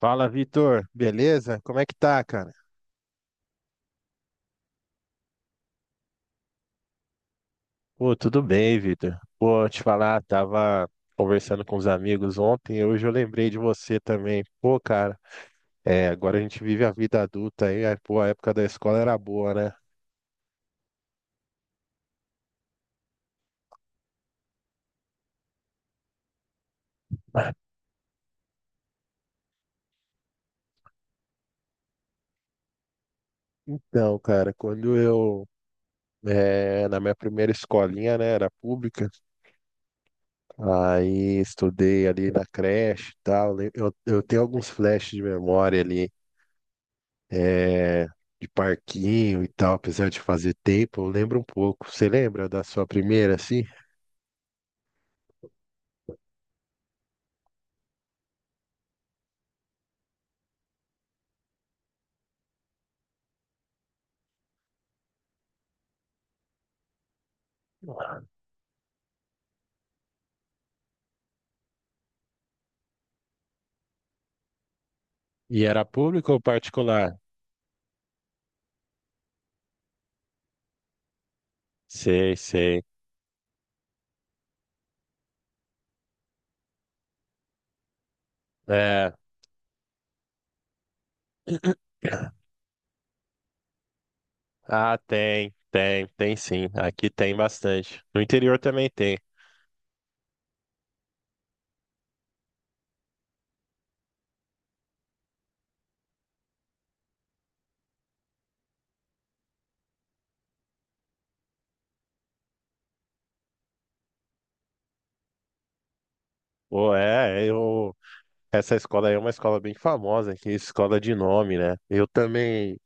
Fala, Vitor. Beleza? Como é que tá, cara? Pô, tudo bem, Vitor. Pô, te falar, tava conversando com os amigos ontem, e hoje eu lembrei de você também. Pô, cara, agora a gente vive a vida adulta aí, pô, a época da escola era boa, né? Então, cara, na minha primeira escolinha, né, era pública, aí estudei ali na creche e tal, eu tenho alguns flashes de memória ali, é, de parquinho e tal, apesar de fazer tempo, eu lembro um pouco. Você lembra da sua primeira, assim? E era público ou particular? Sei, sei. É. Ah, tem, tem, tem sim. Aqui tem bastante. No interior também tem. Pô, é, eu. Essa escola aí é uma escola bem famosa aqui, escola de nome, né? Eu também.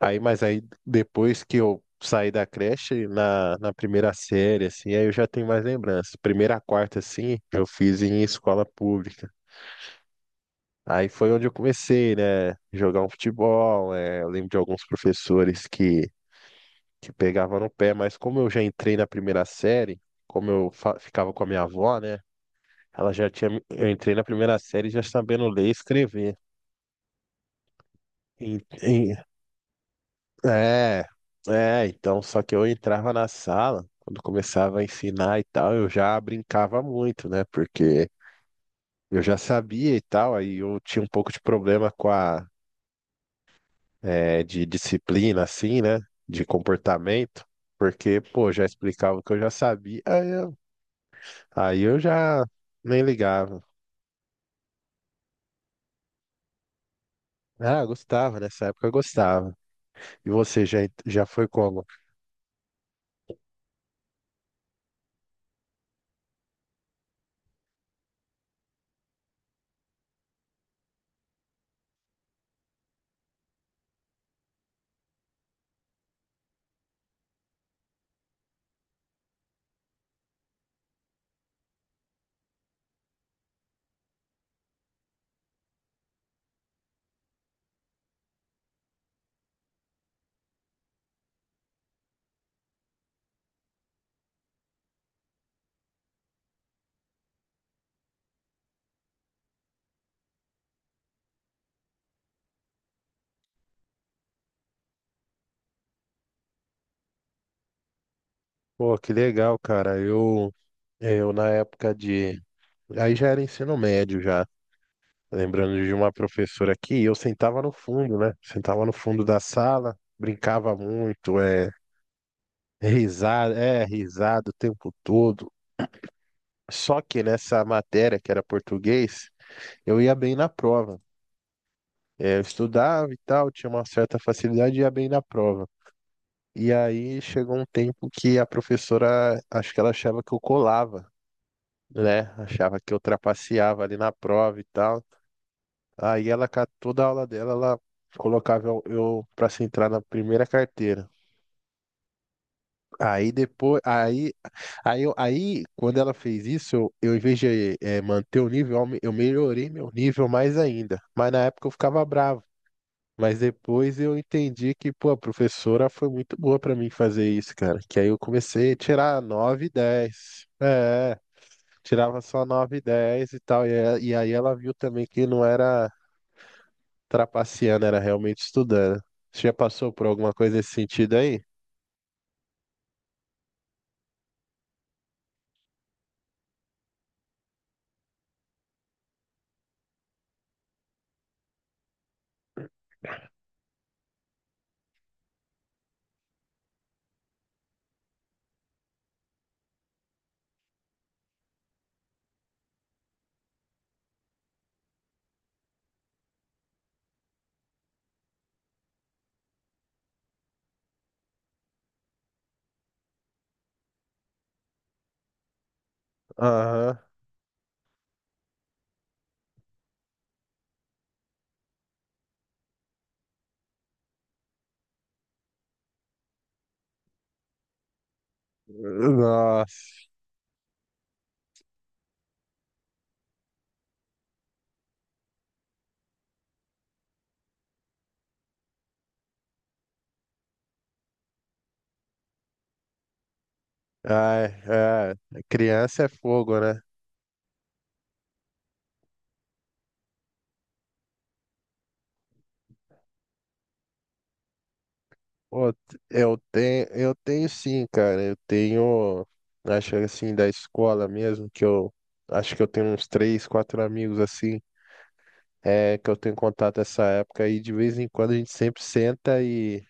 Aí, mas aí depois que eu saí da creche, na primeira série, assim, aí eu já tenho mais lembranças. Primeira a quarta, assim, eu fiz em escola pública. Aí foi onde eu comecei, né? Jogar um futebol. Eu lembro de alguns professores que pegavam no pé, mas como eu já entrei na primeira série, como eu ficava com a minha avó, né? Ela já tinha. Me- Eu entrei na primeira série já sabendo ler e escrever. E, É, então, só que eu entrava na sala, quando começava a ensinar e tal, eu já brincava muito, né? Porque eu já sabia e tal, aí eu tinha um pouco de problema com de disciplina, assim, né? De comportamento, porque, pô, já explicava o que eu já sabia, aí eu já nem ligava. Ah, gostava, nessa época eu gostava. E você já foi como? Pô, que legal, cara, eu na época de. Aí já era ensino médio já. Lembrando de uma professora aqui, eu sentava no fundo, né? Sentava no fundo da sala, brincava muito, é risada o tempo todo. Só que nessa matéria que era português, eu ia bem na prova. É, eu estudava e tal, tinha uma certa facilidade e ia bem na prova. E aí chegou um tempo que a professora, acho que ela achava que eu colava, né? Achava que eu trapaceava ali na prova e tal. Toda a aula dela, ela colocava eu para se entrar na primeira carteira. Aí depois, aí, aí, eu- Aí quando ela fez isso, eu em vez de manter o nível, eu eu melhorei meu nível mais ainda. Mas na época eu ficava bravo. Mas depois eu entendi que, pô, a professora foi muito boa pra mim fazer isso, cara. Que aí eu comecei a tirar 9 10, É, tirava só 9 10 e tal. E aí ela viu também que não era trapaceando, era realmente estudando. Você já passou por alguma coisa nesse sentido aí? Aham. Nossa. Ai, é. Criança é fogo, né? Pô, eu tenho sim, cara. Eu tenho, acho que assim, da escola mesmo, que eu acho que eu tenho uns três, quatro amigos assim, que eu tenho contato nessa época e de vez em quando a gente sempre senta e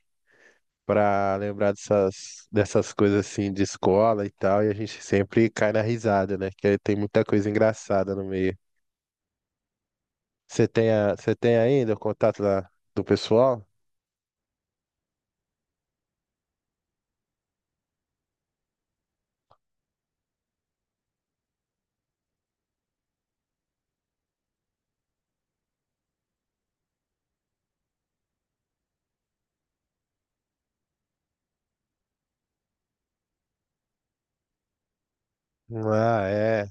para lembrar dessas coisas assim de escola e tal, e a gente sempre cai na risada, né? Que tem muita coisa engraçada no meio. Você tem, a, você tem ainda o contato do pessoal? Ah, é.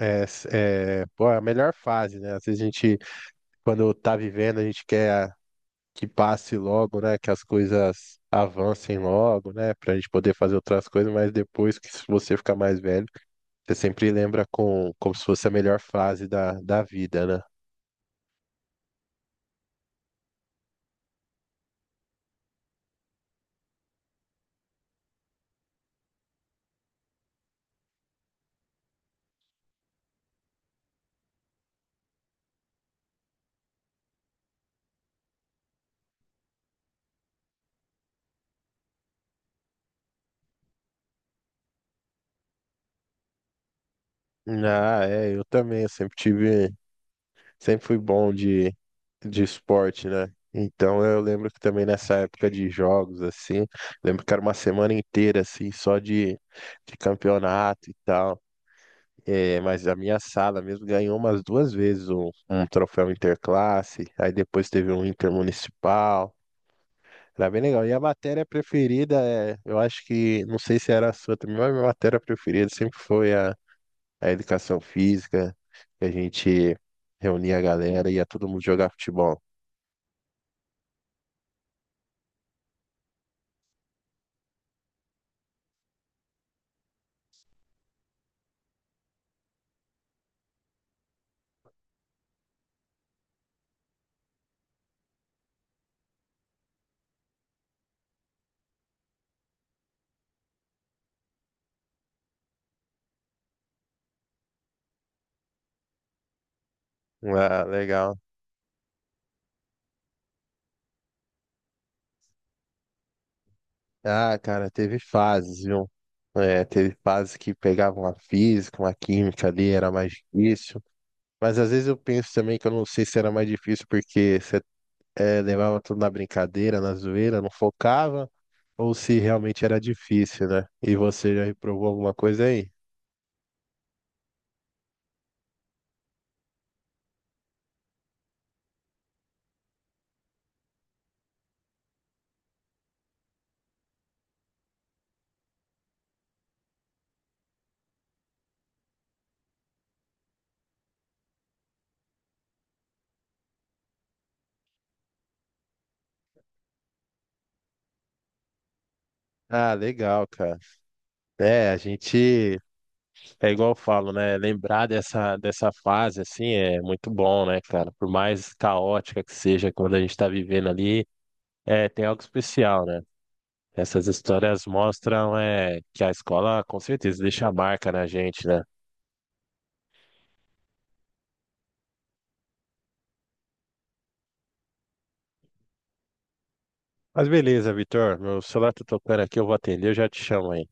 É, Pô, é a melhor fase, né? Às vezes a gente, quando tá vivendo, a gente quer que passe logo, né? Que as coisas avancem logo, né? Pra gente poder fazer outras coisas, mas depois que se você ficar mais velho, você sempre lembra com, como se fosse a melhor fase da vida, né? Ah, é, eu sempre tive, sempre fui bom de esporte, né? Então eu lembro que também nessa época de jogos, assim, lembro que era uma semana inteira, assim, só de campeonato e tal. É, mas a minha sala mesmo ganhou umas duas vezes um troféu interclasse, aí depois teve um intermunicipal. Era bem legal. E a matéria preferida, é, eu acho que, não sei se era a sua também, mas a minha matéria preferida sempre foi a educação física, que a gente reunia a galera e ia todo mundo jogar futebol. Ah, legal. Ah, cara, teve fases, viu? É, teve fases que pegavam a física, uma química ali, era mais difícil. Mas às vezes eu penso também que eu não sei se era mais difícil porque você levava tudo na brincadeira, na zoeira, não focava, ou se realmente era difícil, né? E você já reprovou alguma coisa aí? Ah, legal, cara. É, a gente É igual eu falo, né? Lembrar dessa fase, assim, é muito bom, né, cara? Por mais caótica que seja quando a gente tá vivendo ali, tem algo especial, né? Essas histórias mostram, que a escola, com certeza, deixa a marca na gente, né? Mas beleza, Vitor, meu celular tá tocando aqui, eu vou atender, eu já te chamo aí.